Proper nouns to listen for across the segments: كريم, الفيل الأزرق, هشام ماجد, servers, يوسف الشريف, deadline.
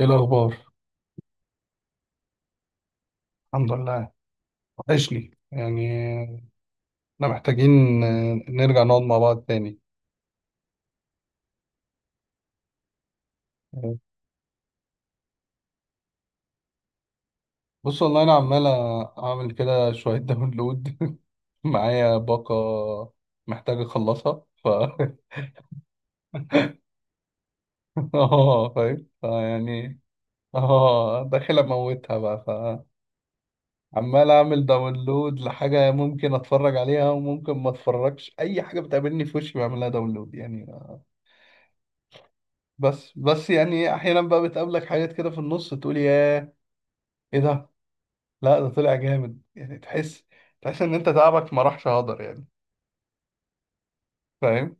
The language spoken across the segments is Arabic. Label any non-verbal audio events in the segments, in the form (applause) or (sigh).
ايه الاخبار؟ الحمد لله. وحشني يعني. احنا محتاجين نرجع نقعد مع بعض تاني. بص، والله انا عمال اعمل كده شويه داونلود. (laughs) معايا باقه محتاج اخلصها ف. (laughs) اه، فاهم فيعني. اه، داخل اموتها بقى. فعمال اعمل داونلود لحاجه ممكن اتفرج عليها وممكن ما اتفرجش، اي حاجه بتقابلني في وشي بعملها داونلود يعني. بس يعني احيانا بقى بتقابلك حاجات كده في النص، تقول: ياه، ايه ده؟ لا، ده طلع جامد، يعني تحس ان انت تعبك ما راحش هدر يعني. فاهم.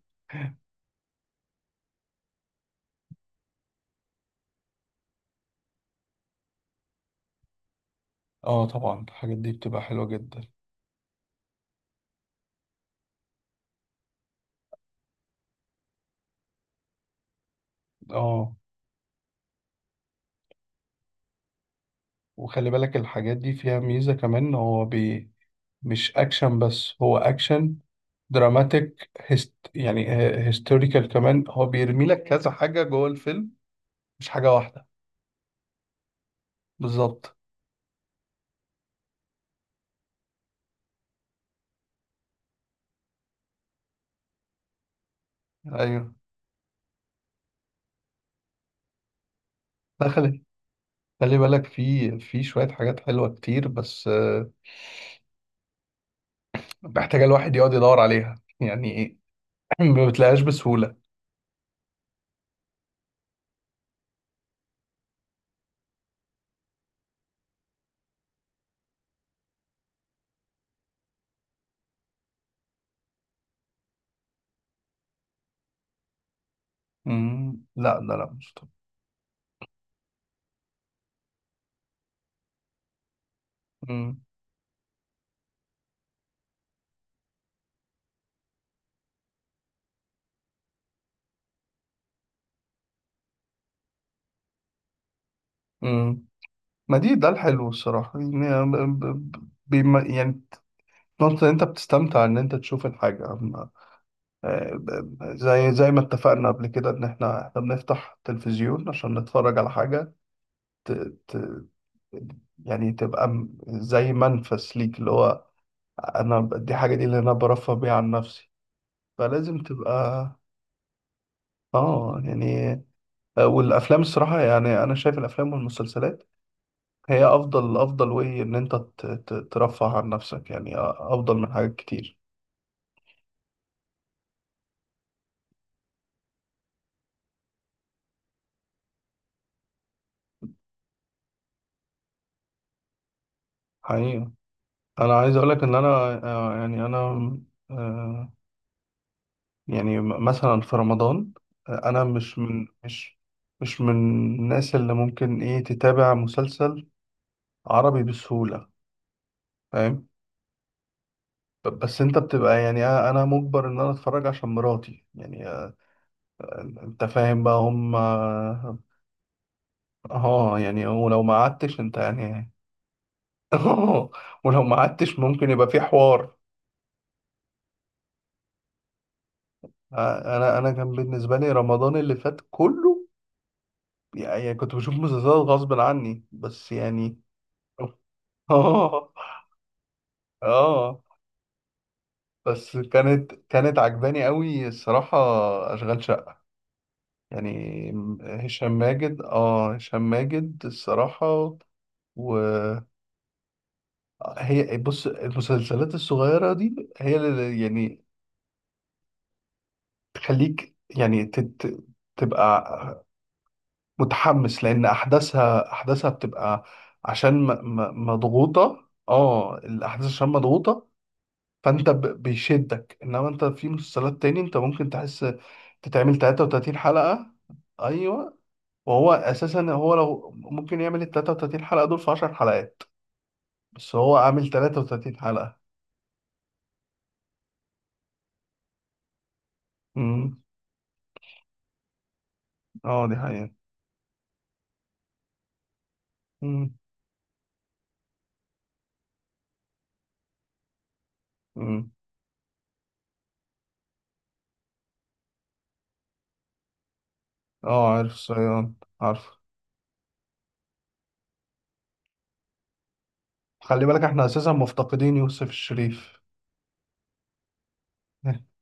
اه طبعا، الحاجات دي بتبقى حلوة جدا. اه، وخلي بالك الحاجات دي فيها ميزة كمان، هو بي. مش اكشن بس، هو اكشن دراماتيك هست، يعني هيستوريكال كمان. هو بيرمي لك كذا حاجة جوه الفيلم، مش حاجة واحدة. بالظبط. ايوه. لا، خلي بالك، في شوية حاجات حلوة كتير بس محتاجة الواحد يقعد يدور عليها، يعني إيه، (clears throat) ما بتلاقيهاش بسهولة. مم. لا لا لا، مش طبيعي. مم. مم. ما دي ده الحلو الصراحة، يعني يعني، نقطة إن أنت بتستمتع إن أنت تشوف الحاجة، آه، ب- زي ما اتفقنا قبل كده، إن إحنا بنفتح تلفزيون عشان نتفرج على حاجة، ت... ت... يعني تبقى زي منفس ليك، اللي هو أنا، دي حاجة، دي اللي أنا برفه بيها عن نفسي، فلازم تبقى. آه يعني، والأفلام الصراحة، يعني أنا شايف الأفلام والمسلسلات هي افضل، وايه ان انت ترفه عن نفسك، يعني افضل من حاجات كتير. حقيقة. انا عايز اقولك ان انا، يعني انا، آه، يعني مثلا في رمضان، انا مش من مش من الناس اللي ممكن ايه تتابع مسلسل عربي بسهولة. فاهم. بس انت بتبقى يعني، انا مجبر ان انا اتفرج عشان مراتي يعني، انت فاهم بقى هم. اه، يعني ولو ما قعدتش انت يعني. اه. ولو ما قعدتش ممكن يبقى في حوار. انا كان بالنسبه لي رمضان اللي فات كله، يعني كنت بشوف مسلسلات غصب عني بس يعني. (laughs) اه، اه. بس كانت عجباني قوي الصراحه، اشغال شقه يعني. هشام ماجد، اه، هشام ماجد الصراحه، وهي. بص، المسلسلات الصغيره دي هي اللي يعني تخليك، يعني تبقى متحمس، لان احداثها بتبقى، عشان مضغوطه، الاحداث عشان مضغوطه. فانت بيشدك، انما انت في مسلسلات تاني انت ممكن تحس تتعمل 33 حلقه. ايوه. وهو اساسا، هو لو ممكن يعمل ال 33 حلقه دول في 10 حلقات، بس هو عامل 33 حلقه. امم. اه، دي حقيقه. امم. امم. اه، عارف الصياد، عارف. خلي بالك احنا اساسا مفتقدين يوسف الشريف. (laughs)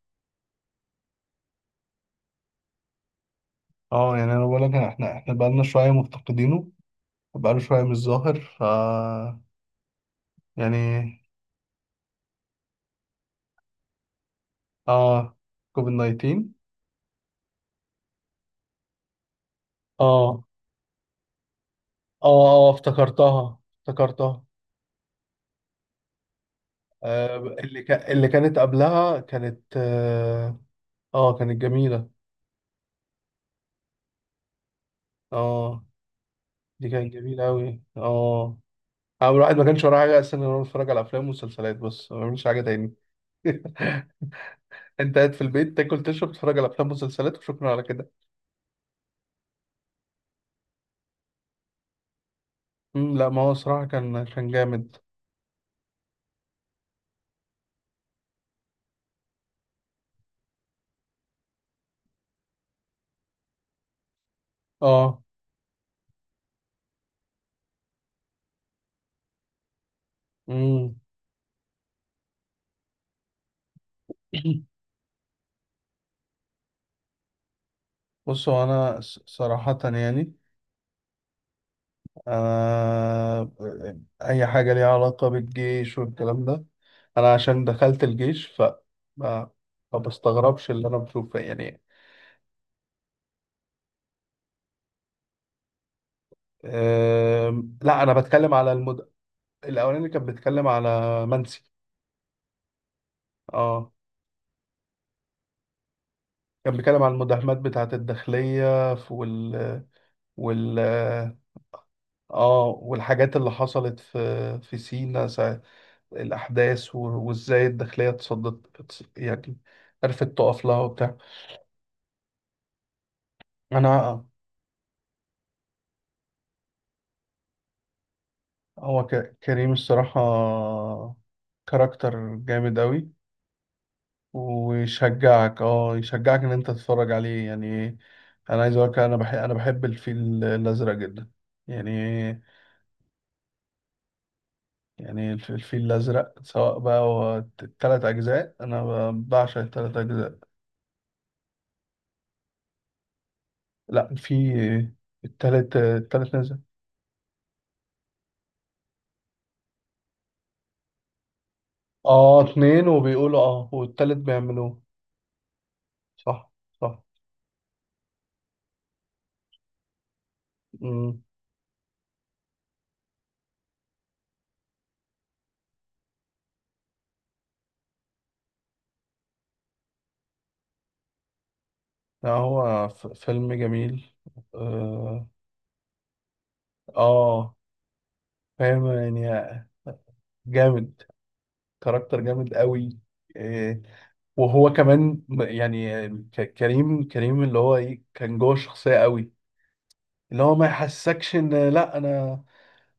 اه، يعني انا بقول لك احنا، بقالنا شويه مفتقدينه، بقاله شويه مش ظاهر ف يعني. اه، كوفيد 19. اه، اه، اه، افتكرتها، افتكرتها. آه، اللي كا اللي كانت قبلها كانت، آه، كانت جميلة. اه، دي كانت جميلة أوي، اه. أنا الواحد ما كانش وراه حاجة أصلا، غير إنه يتفرج على أفلام ومسلسلات بس، ما بيعملش حاجة تاني. (laughs) أنت قاعد في البيت، تاكل، تشرب، تتفرج على أفلام ومسلسلات، وشكرا على كده. مم، لا، ما هو صراحة كان جامد. اه. مم. (clears throat) بصوا، انا صراحة يعني، انا اي حاجة ليها علاقة بالجيش والكلام ده، انا عشان دخلت الجيش ف ما ما بستغربش اللي انا بشوفه يعني. لا، انا بتكلم على الاولاني كان بيتكلم على منسي. اه، كان بيتكلم على المداهمات بتاعة الداخلية، وال اه والحاجات اللي حصلت في سينا، الأحداث، وإزاي الداخلية اتصدت، يعني عرفت تقف لها وبتاع. أنا هو كريم الصراحة كاركتر جامد أوي، ويشجعك، يشجعك إن أنت تتفرج عليه يعني. أنا عايز أقولك، أنا بحب الفيل الأزرق جدا يعني. يعني الفيل الأزرق، سواء بقى هو التلات أجزاء، أنا بعشق التلات أجزاء. لأ، في التالت نزل. اه اتنين، وبيقولوا اه والتالت بيعملوه. صح. صح. امم. لا، هو فيلم جميل. اه. آه، فاهم يعني، جامد، كاركتر جامد قوي. آه، وهو كمان يعني كريم اللي هو ايه كان جوه الشخصية قوي، اللي هو ما يحسكش ان، لا انا،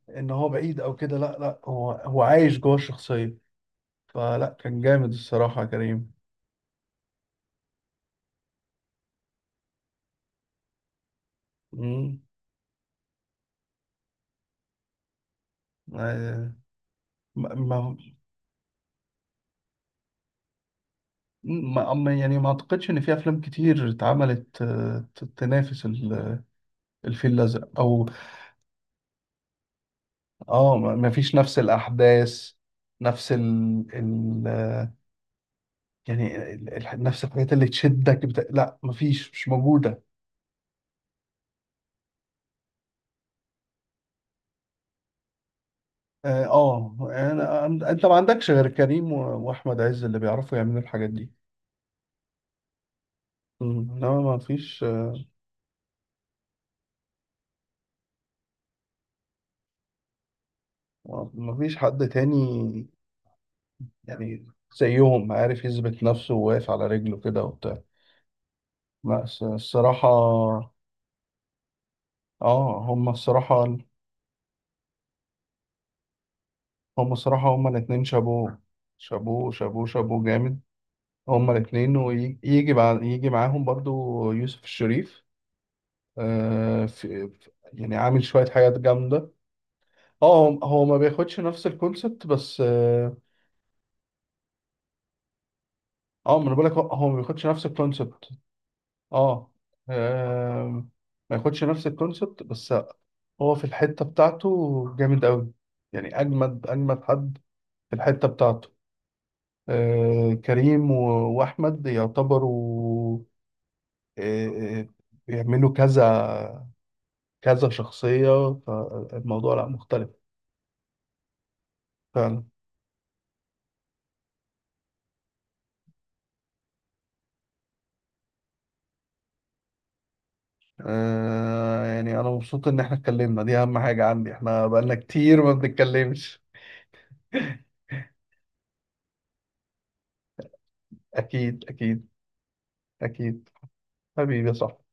ان هو بعيد او كده، لا لا، هو عايش جوه الشخصية، فلا كان جامد الصراحة كريم. امم. ما ما أما- يعني ما اعتقدش ان في افلام كتير اتعملت تنافس الفيل الازرق او. اه، ما فيش نفس الاحداث، نفس ال... ال... آه، يعني نفس الحاجات اللي تشدك لا، ما فيش، مش موجوده. اه. آه، انت ما عندكش غير كريم واحمد عز، اللي بيعرفوا يعملوا الحاجات دي. مم. انما ما فيش، آه، ما فيش حد تاني يعني زيهم عارف يثبت نفسه وواقف على رجله كده وبتاع. لا، الصراحة، اه، هم الصراحة، هم هم الاتنين شابوه، شابوه، شابوه، شابوه جامد. هم الاتنين، ويجي بعد معاهم برضو يوسف الشريف. آه، في يعني عامل شوية حاجات جامدة. اه، هو ما بياخدش نفس الكونسبت بس اه آه، ما انا بقولك، هو ما بياخدش نفس الكونسبت. اه. آه، ما ياخدش نفس الكونسبت بس، هو في الحتة بتاعته جامد أوي، يعني أجمد أجمد حد في الحتة بتاعته. آه، كريم وأحمد يعتبروا، آه، آه، بيعملوا كذا، كذا شخصية، فالموضوع لا مختلف. فعلا. آه، يعني أنا مبسوط إن إحنا اتكلمنا، دي أهم حاجة عندي، إحنا بقالنا كتير ما بنتكلمش. (laughs) أكيد، أكيد، أكيد. حبيبي يا صاحبي.